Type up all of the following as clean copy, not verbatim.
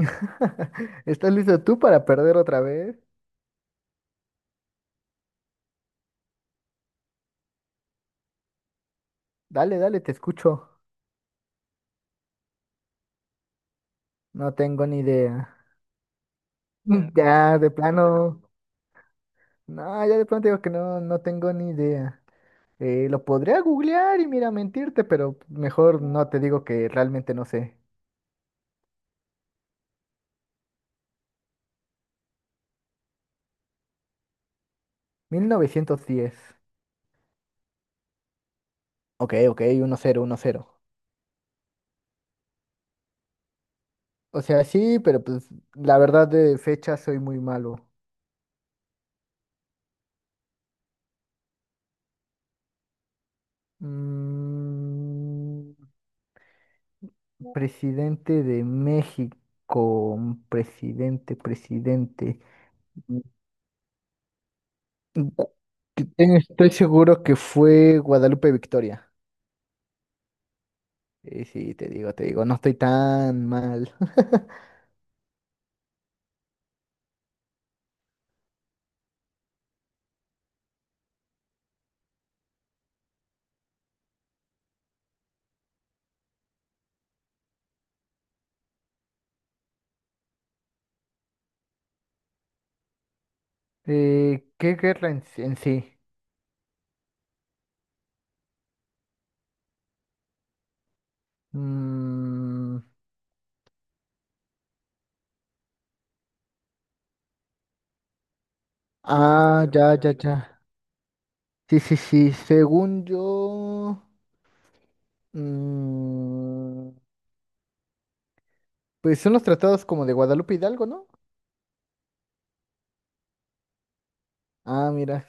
¿Estás listo tú para perder otra vez? Dale, dale, te escucho. No tengo ni idea. Mm. Ya, de plano. No, ya de plano te digo que no, no tengo ni idea. Lo podría googlear y mira, mentirte, pero mejor no te digo que realmente no sé. 1910. Ok, ok, uno cero, uno cero. O sea, sí, pero pues la verdad de fecha soy muy malo. Mm, Presidente de México, un presidente, presidente. Gu- Estoy seguro que fue Guadalupe Victoria. Sí, te digo, no estoy tan mal. ¿Qué guerra en, sí? ¿En sí? Mm, ah, ya, ya, ya. Sí, sí, sí. Según yo, mm, pues son los tratados como de Guadalupe Hidalgo, ¿no? Ah, mira.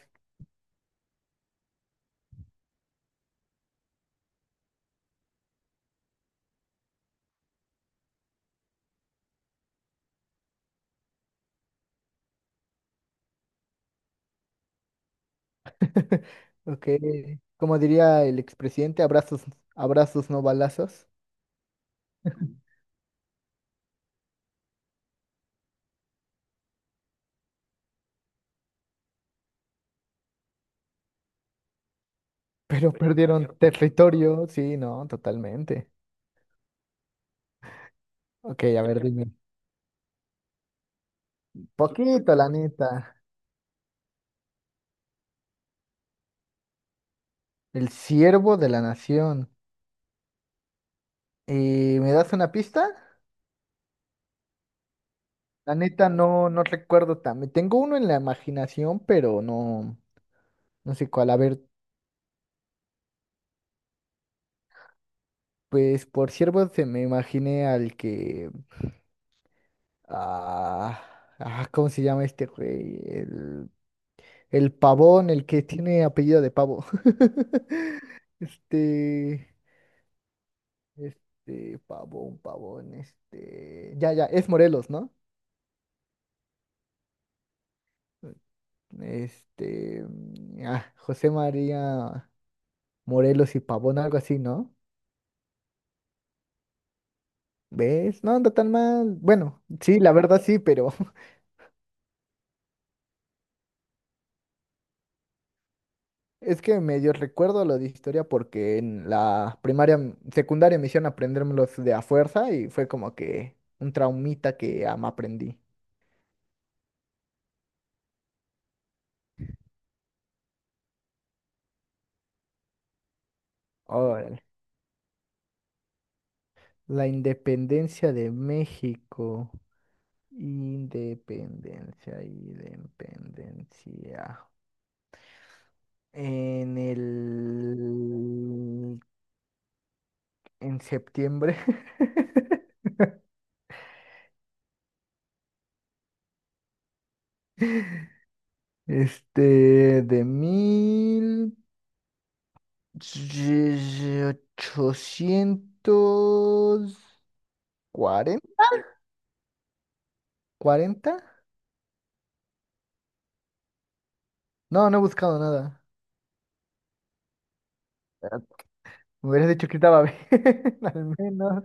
Ok, como diría el expresidente, abrazos, abrazos no balazos. Pero perdieron, perdieron territorio. Sí, no, totalmente. Ok, a ver, dime. Poquito, la neta. El siervo de la nación. ¿Y me das una pista? La neta no, no recuerdo también. Tengo uno en la imaginación, pero no, no sé cuál. A ver, pues por siervo se me imaginé al que, ah, ¿cómo se llama este güey? El pavón, el que tiene apellido de pavo. Este, pavón, pavón, este. Ya, ya, es Morelos, ¿no? José María Morelos y Pavón, algo así, ¿no? ¿Ves? No anda tan mal. Bueno, sí, la verdad sí, pero es que medio recuerdo lo de historia porque en la primaria, secundaria me hicieron aprendérmelos de a fuerza y fue como que un traumita que ya me aprendí. La independencia de México. Independencia, independencia. En el... En septiembre. De 1840. ¿Cuarenta, cuarenta? No, no he buscado nada. Me hubieras dicho que estaba bien, al menos.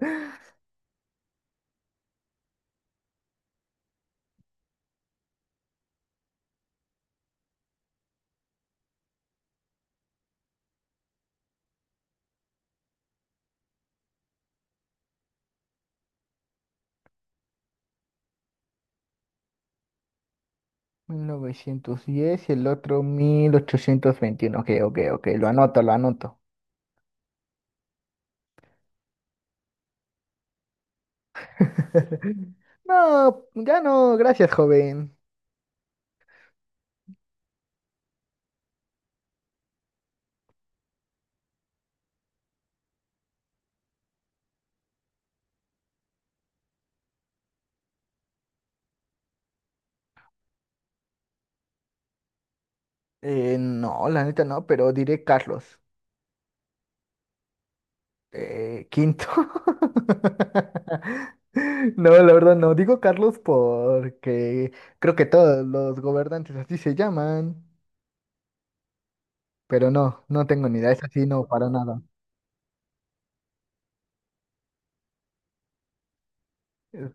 1910 y el otro 1821. Ok, ok, ok, lo anoto, lo anoto. No, ya no gracias, joven. No, la neta no, pero diré Carlos. Quinto. No, la verdad no. Digo Carlos porque creo que todos los gobernantes así se llaman, pero no, no tengo ni idea. Es así, no, para nada. Eh,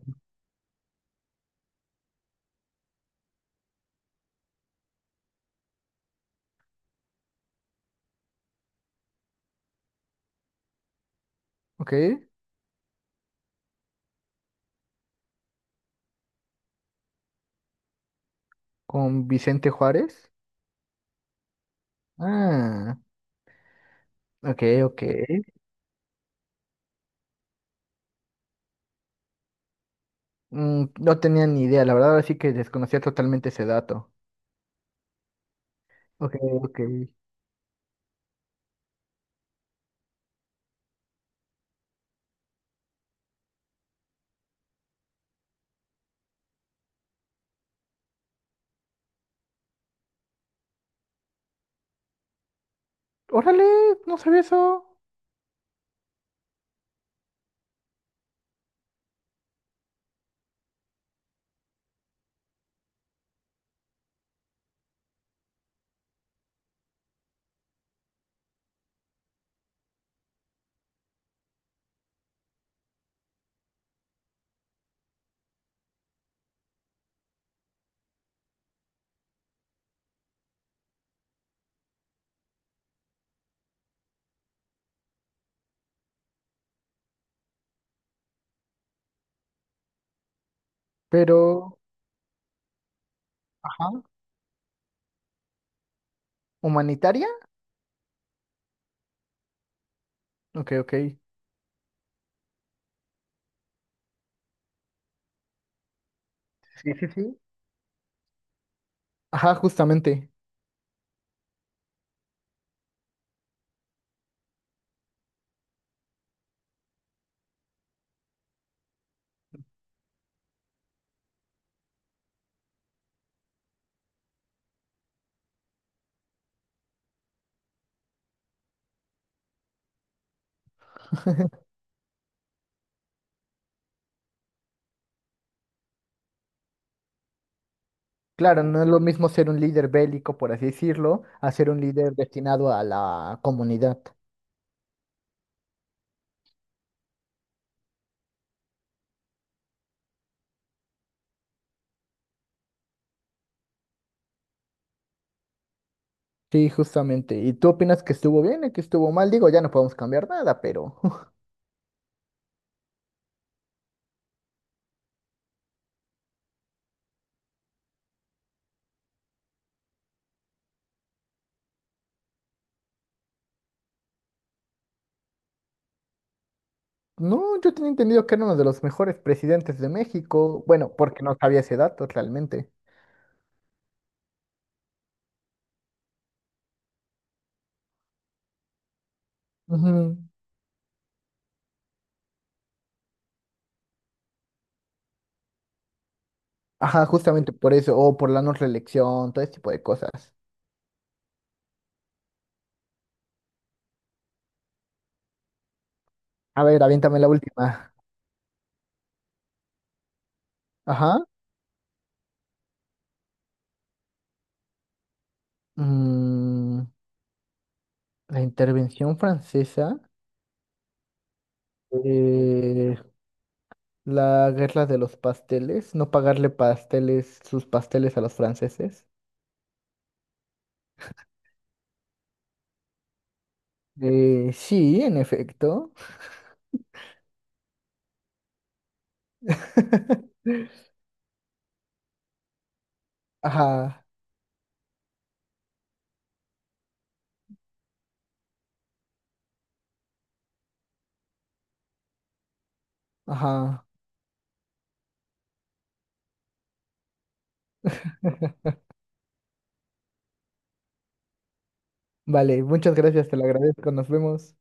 Ok, con Vicente Juárez. Ah, ok, ok. Mm, no tenía ni idea, la verdad, así que desconocía totalmente ese dato. Ok, ok. Órale, no sabía eso. Pero, ajá, ¿humanitaria? Ok, ok. Sí, sí, sí. Ajá, justamente. Claro, no es lo mismo ser un líder bélico, por así decirlo, a ser un líder destinado a la comunidad. Sí, justamente. ¿Y tú opinas que estuvo bien y que estuvo mal? Digo, ya no podemos cambiar nada, pero... No, yo tenía entendido que era uno de los mejores presidentes de México. Bueno, porque no sabía ese dato realmente. Ujú. Ajá, justamente por eso, o por la no reelección, todo ese tipo de cosas. A ver, aviéntame la última. Ajá. Mm, la intervención francesa, eh, la guerra de los pasteles, no pagarle pasteles, sus pasteles a los franceses. Sí, en efecto. Ajá, ajá. Vale, muchas gracias, te lo agradezco, nos vemos.